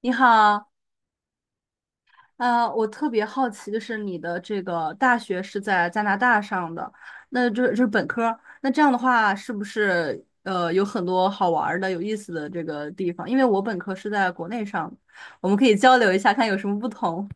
你好，我特别好奇，就是你的这个大学是在加拿大上的，那这就是本科儿那这样的话是不是有很多好玩儿的、有意思的这个地方？因为我本科是在国内上的，我们可以交流一下，看有什么不同。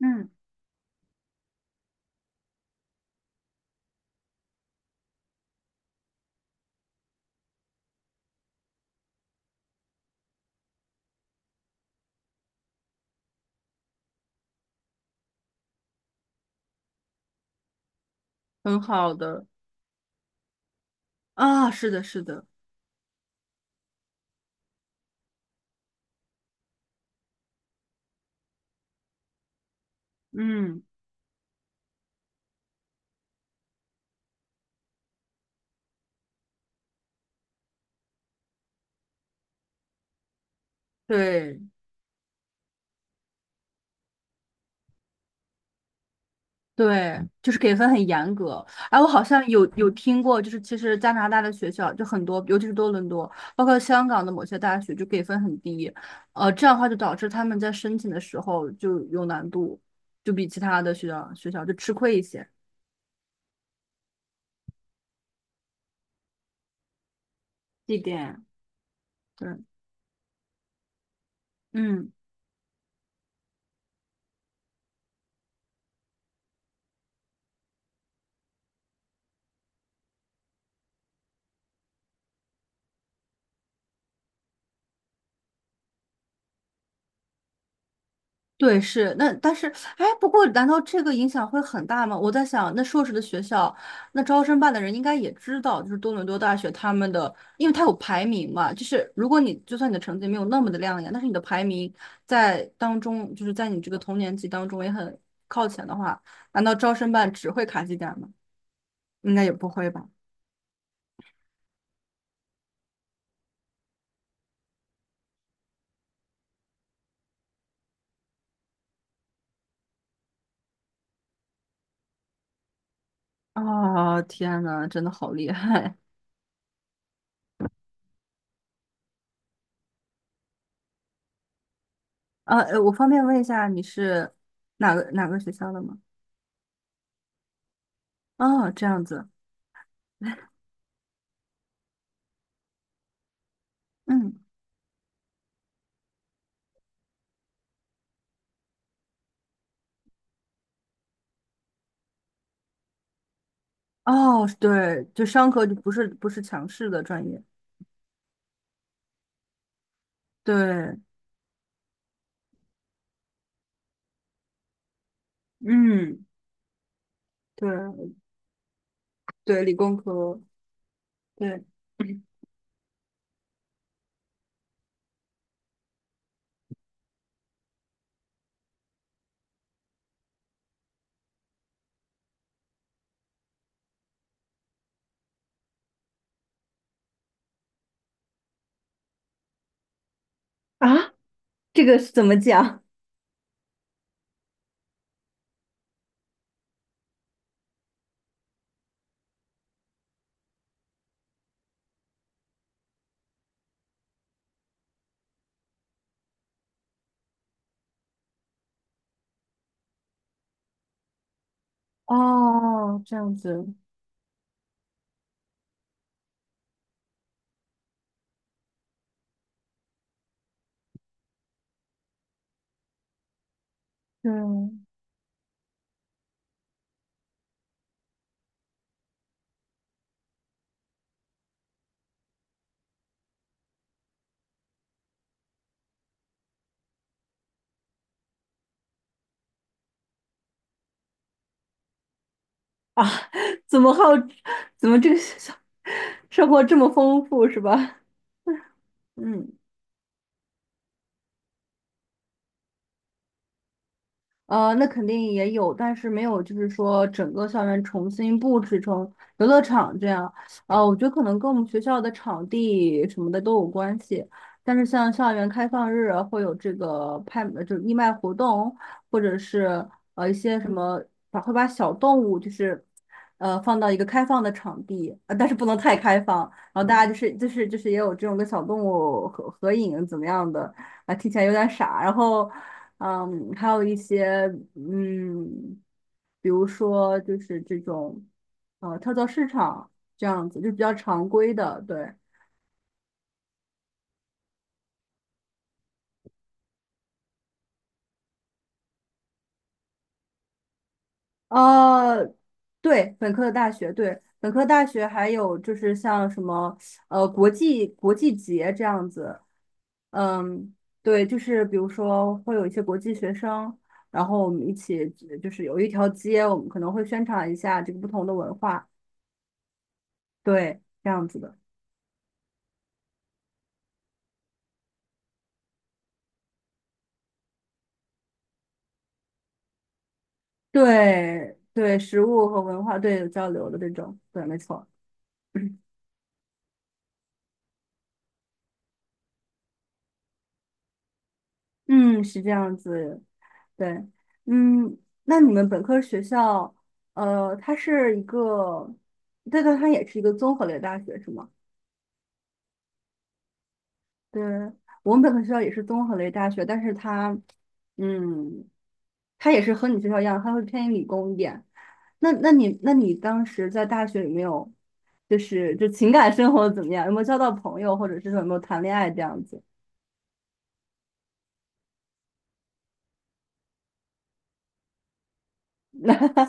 嗯，很好的。啊，是的，是的。嗯，对，对，就是给分很严格。哎，我好像有听过，就是其实加拿大的学校就很多，尤其是多伦多，包括香港的某些大学就给分很低。这样的话就导致他们在申请的时候就有难度，就比其他的学校就吃亏一些。这点，对，嗯。对，是那，但是，哎，不过，难道这个影响会很大吗？我在想，那硕士的学校，那招生办的人应该也知道，就是多伦多大学他们的，因为它有排名嘛，就是如果你就算你的成绩没有那么的亮眼，但是你的排名在当中，就是在你这个同年级当中也很靠前的话，难道招生办只会卡绩点吗？应该也不会吧？哦，天呐，真的好厉害！啊，我方便问一下你是哪个学校的吗？哦，这样子。嗯。哦，对，就商科就不是强势的专业。对，嗯，对对，理工科，对。啊，这个是怎么讲？哦，这样子。对。啊？怎么好？怎么这个 学校生活这么丰富是吧？嗯。那肯定也有，但是没有，就是说整个校园重新布置成游乐场这样。我觉得可能跟我们学校的场地什么的都有关系。但是像校园开放日啊会有这个拍，就是义卖活动，或者是一些什么，把会把小动物就是放到一个开放的场地。但是不能太开放。然后大家就是也有这种跟小动物合影怎么样的。啊，听起来有点傻。然后嗯，还有一些。嗯，比如说就是这种跳蚤市场这样子，就比较常规的。对，呃，对，本科的大学，对，本科大学还有就是像什么国际节这样子。嗯，对，就是比如说会有一些国际学生，然后我们一起就是有一条街，我们可能会宣传一下这个不同的文化，对，这样子的。对对，食物和文化对有交流的这种，对，没错。嗯，是这样子，对。嗯，那你们本科学校，它是一个，对对，它也是一个综合类大学是吗？对，我们本科学校也是综合类大学，但是它，嗯，它也是和你学校一样，它会偏理工一点。那你当时在大学有没有，就是就情感生活怎么样？有没有交到朋友，或者是说有没有谈恋爱这样子？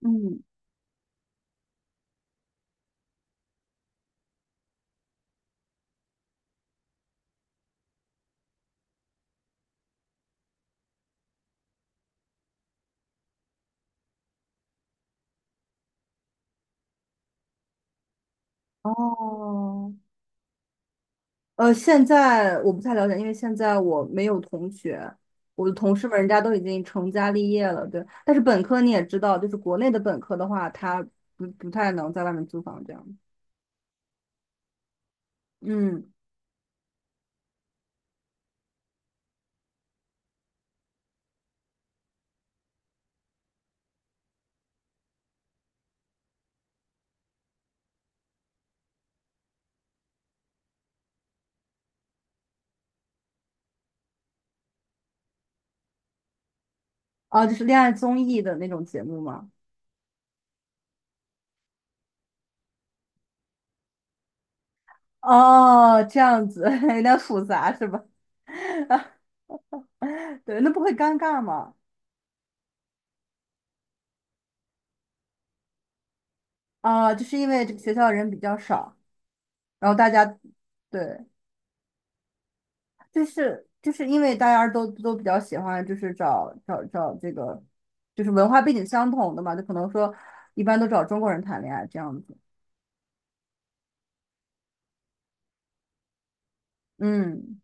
嗯，哦，现在我不太了解，因为现在我没有同学，我的同事们人家都已经成家立业了，对。但是本科你也知道，就是国内的本科的话，他不太能在外面租房这样。嗯，哦，就是恋爱综艺的那种节目吗？哦，这样子。 有点复杂是吧？对，那不会尴尬吗？啊，就是因为这个学校人比较少，然后大家。对。就是因为大家都比较喜欢，就是找这个，就是文化背景相同的嘛，就可能说一般都找中国人谈恋爱这样子。嗯，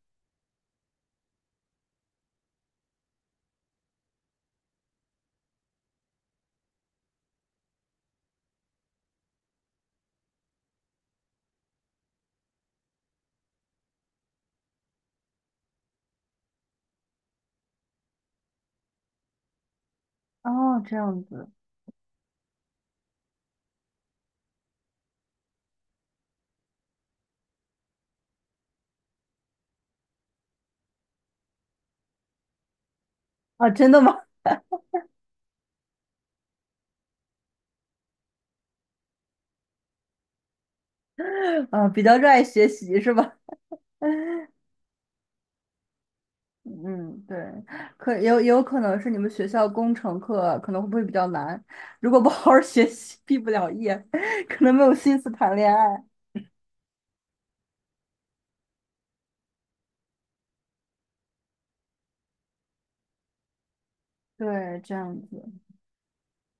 哦，这样子。啊，真的吗？啊，比较热爱学习是吧？嗯，对，可可能是你们学校工程课可能会不会比较难？如果不好好学习，毕不了业，可能没有心思谈恋爱。对，这样子。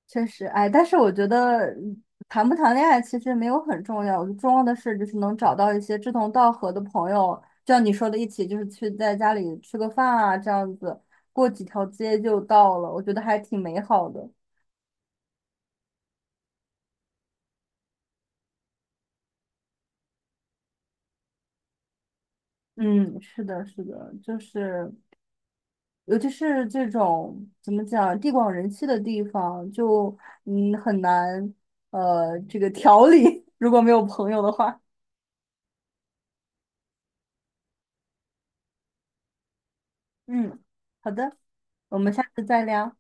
确实，哎，但是我觉得谈不谈恋爱其实没有很重要，我觉得重要的是就是能找到一些志同道合的朋友，就像你说的，一起就是去在家里吃个饭啊，这样子过几条街就到了，我觉得还挺美好的。嗯，是的，是的，就是尤其是这种怎么讲，地广人稀的地方，就嗯很难这个调理。如果没有朋友的话。嗯，好的，我们下次再聊。